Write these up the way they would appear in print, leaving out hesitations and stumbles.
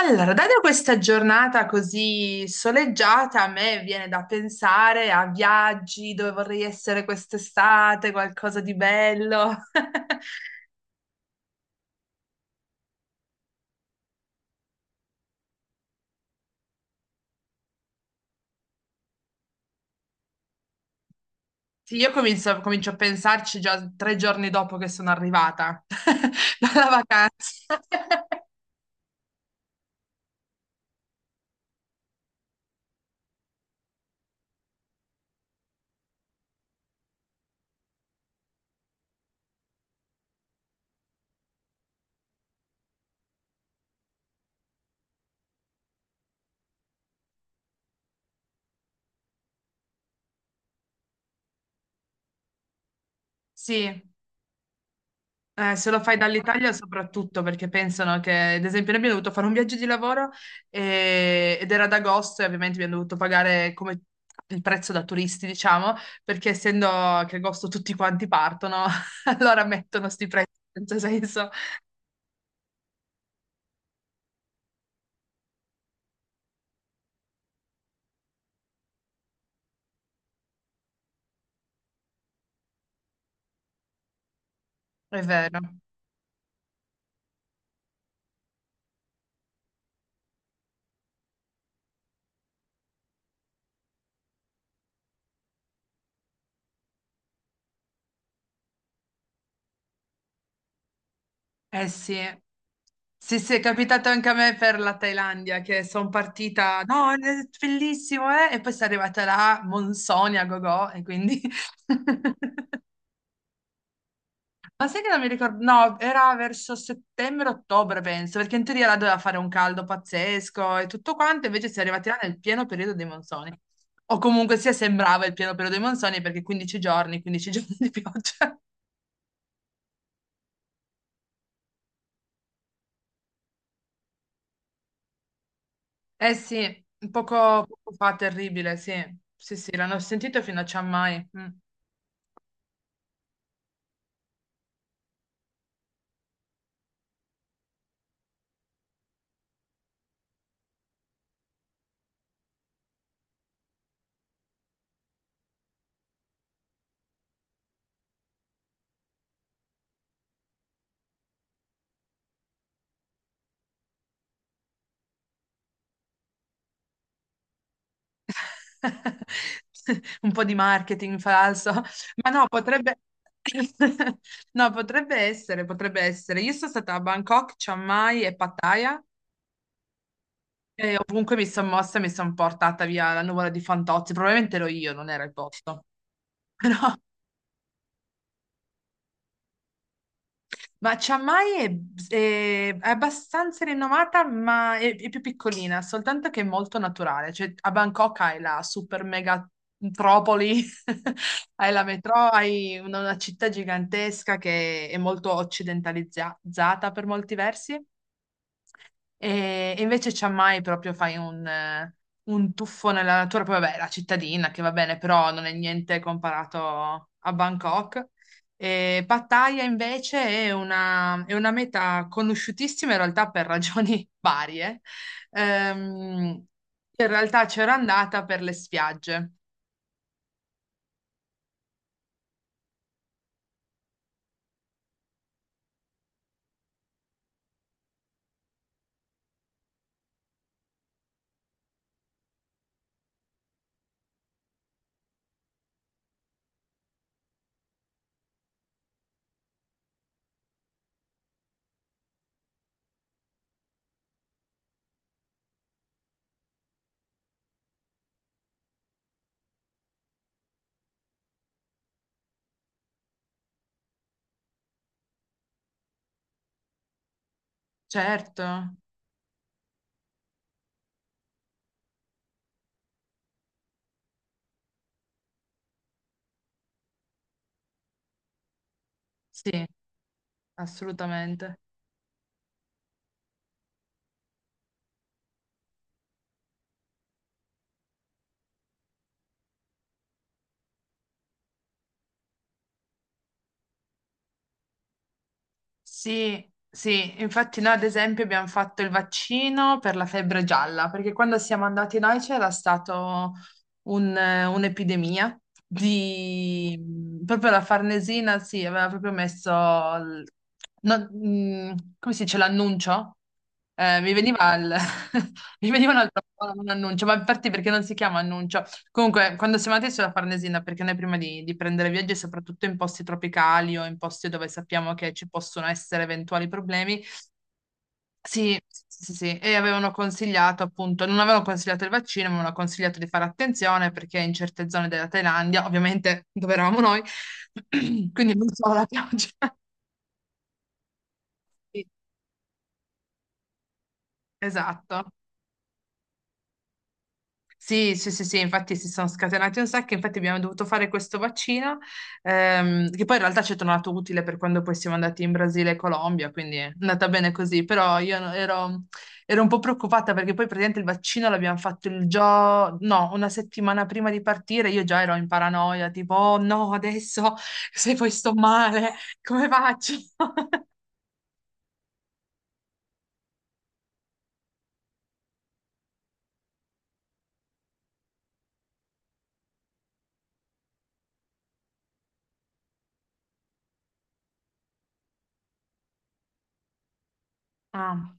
Allora, data questa giornata così soleggiata, a me viene da pensare a viaggi, dove vorrei essere quest'estate, qualcosa di bello. Sì, io comincio a pensarci già 3 giorni dopo che sono arrivata dalla vacanza. Sì. Se lo fai dall'Italia soprattutto perché pensano che, ad esempio, noi abbiamo dovuto fare un viaggio di lavoro ed era ad agosto e ovviamente abbiamo dovuto pagare come il prezzo da turisti, diciamo, perché essendo che agosto tutti quanti partono, allora mettono sti prezzi senza senso. È vero. Eh sì. Sì, sì, è capitato anche a me per la Thailandia, che sono partita, no, è bellissimo, eh? E poi sono arrivata là, monsoni a gogo, e quindi... Ma sai che non mi ricordo? No, era verso settembre-ottobre, penso, perché in teoria là doveva fare un caldo pazzesco e tutto quanto, invece si è arrivati là nel pieno periodo dei monsoni. O comunque sia sembrava il pieno periodo dei monsoni perché 15 giorni, 15 giorni di pioggia. Eh sì, un poco, poco fa, terribile, sì. Sì, sì, l'hanno sentito fino a Chiang Mai. Mm. Un po' di marketing falso, ma no, potrebbe... No, potrebbe essere, potrebbe essere. Io sono stata a Bangkok, Chiang Mai e Pattaya e ovunque mi sono mossa mi sono portata via la nuvola di Fantozzi. Probabilmente ero io, non era il posto. Ma Chiang Mai è abbastanza rinomata, ma è più piccolina, soltanto che è molto naturale. Cioè, a Bangkok hai la super mega metropoli, hai la metro, hai una città gigantesca che è molto occidentalizzata per molti versi, e invece Chiang Mai proprio fai un tuffo nella natura, poi vabbè, la cittadina che va bene, però non è niente comparato a Bangkok. E Pattaya invece è una meta conosciutissima in realtà per ragioni varie. Ehm, In realtà c'ero andata per le spiagge, certo, sì, assolutamente. Sì, sì, infatti noi ad esempio abbiamo fatto il vaccino per la febbre gialla, perché quando siamo andati noi c'era stato un'epidemia di... proprio la Farnesina, sì, aveva proprio messo, il- no, come si dice, l'annuncio? Eh, mi veniva il... Mi veniva un altro, un annuncio. Ma infatti perché non si chiama annuncio? Comunque, quando siamo andati sulla Farnesina, perché noi prima di prendere viaggi, soprattutto in posti tropicali o in posti dove sappiamo che ci possono essere eventuali problemi, sì, sì, sì, sì, e avevano consigliato appunto, non avevano consigliato il vaccino, ma avevano consigliato di fare attenzione perché in certe zone della Thailandia, ovviamente dove eravamo noi, quindi non solo la pioggia. Sì, esatto. Sì, sì, sì, sì, infatti si sono scatenati un sacco, infatti abbiamo dovuto fare questo vaccino, che poi in realtà ci è tornato utile per quando poi siamo andati in Brasile e Colombia, quindi è andata bene così, però io ero un po' preoccupata perché poi praticamente il vaccino l'abbiamo fatto il giorno, no, una settimana prima di partire, io già ero in paranoia, tipo, oh no, adesso se poi sto male, come faccio? Ah,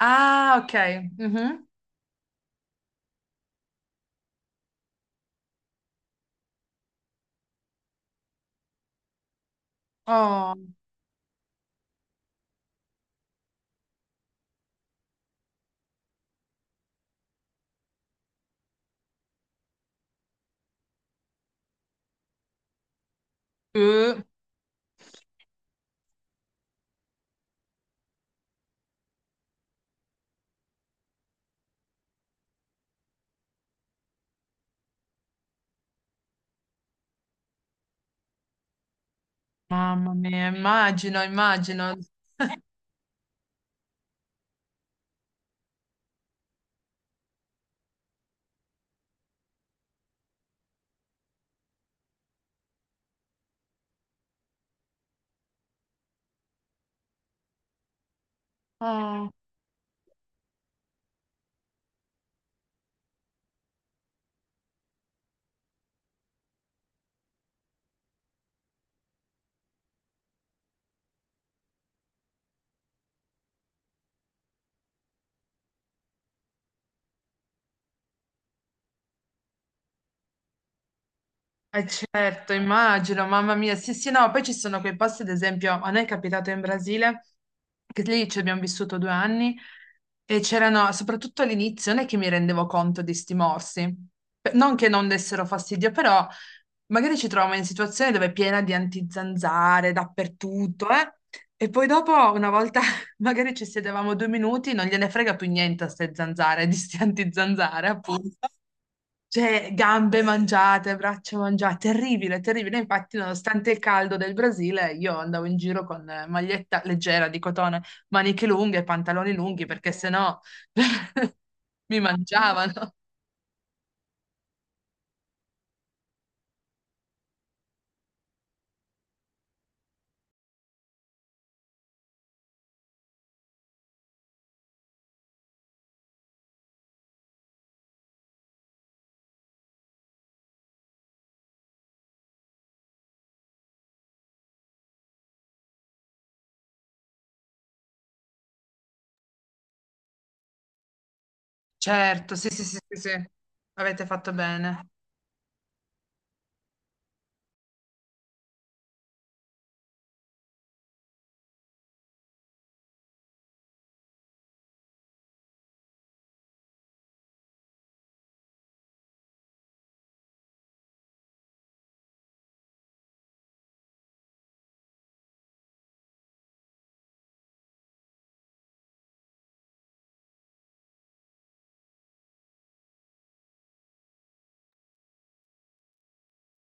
ah, ok. Mhm. Oh. Uh. Mamma mia, immagino, immagino. Eh, Eh, certo, immagino, mamma mia, sì, sì, no, poi ci sono quei posti, ad esempio, a noi è capitato in Brasile, che lì ci abbiamo vissuto 2 anni e c'erano, soprattutto all'inizio, non è che mi rendevo conto di sti morsi, non che non dessero fastidio, però magari ci troviamo in situazioni dove è piena di antizanzare dappertutto, eh? E poi dopo, una volta, magari ci sedevamo 2 minuti, non gliene frega più niente a ste zanzare, di sti antizanzare, appunto. Cioè, gambe mangiate, braccia mangiate, terribile, terribile. Infatti, nonostante il caldo del Brasile, io andavo in giro con maglietta leggera di cotone, maniche lunghe, pantaloni lunghi, perché sennò mi mangiavano. Certo, sì, sì, sì, sì, sì. Avete fatto bene.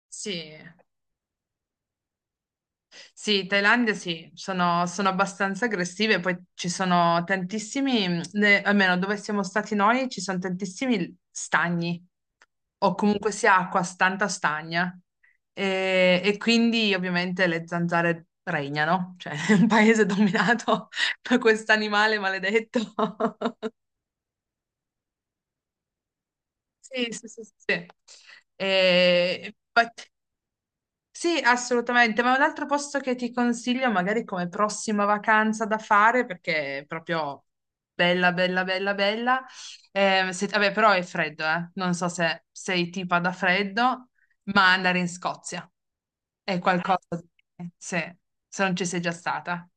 Sì. Sì, Thailandia sì, sono abbastanza aggressive, poi ci sono tantissimi, almeno dove siamo stati noi, ci sono tantissimi stagni, o comunque sia acqua, tanta stagna, e quindi ovviamente le zanzare regnano, cioè è un paese dominato da questo animale maledetto. Sì, sì, sì, sì, sì. E, Sì, assolutamente, ma un altro posto che ti consiglio magari come prossima vacanza da fare, perché è proprio bella, bella, bella, bella. Vabbè, però è freddo, eh. Non so se sei tipa da freddo, ma andare in Scozia è qualcosa di... Sì, se non ci sei già stata,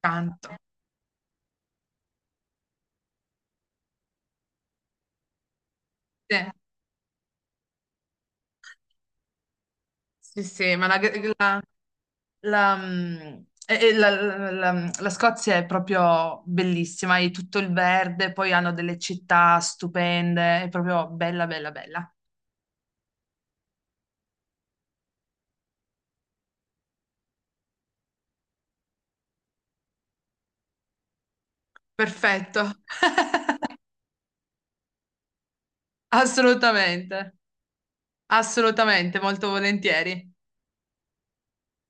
tanto. Sì, sì, sì, ma la- La, mm, la Scozia è proprio bellissima, hai tutto il verde, poi hanno delle città stupende, è proprio bella, bella, bella. Perfetto, assolutamente, assolutamente, molto volentieri.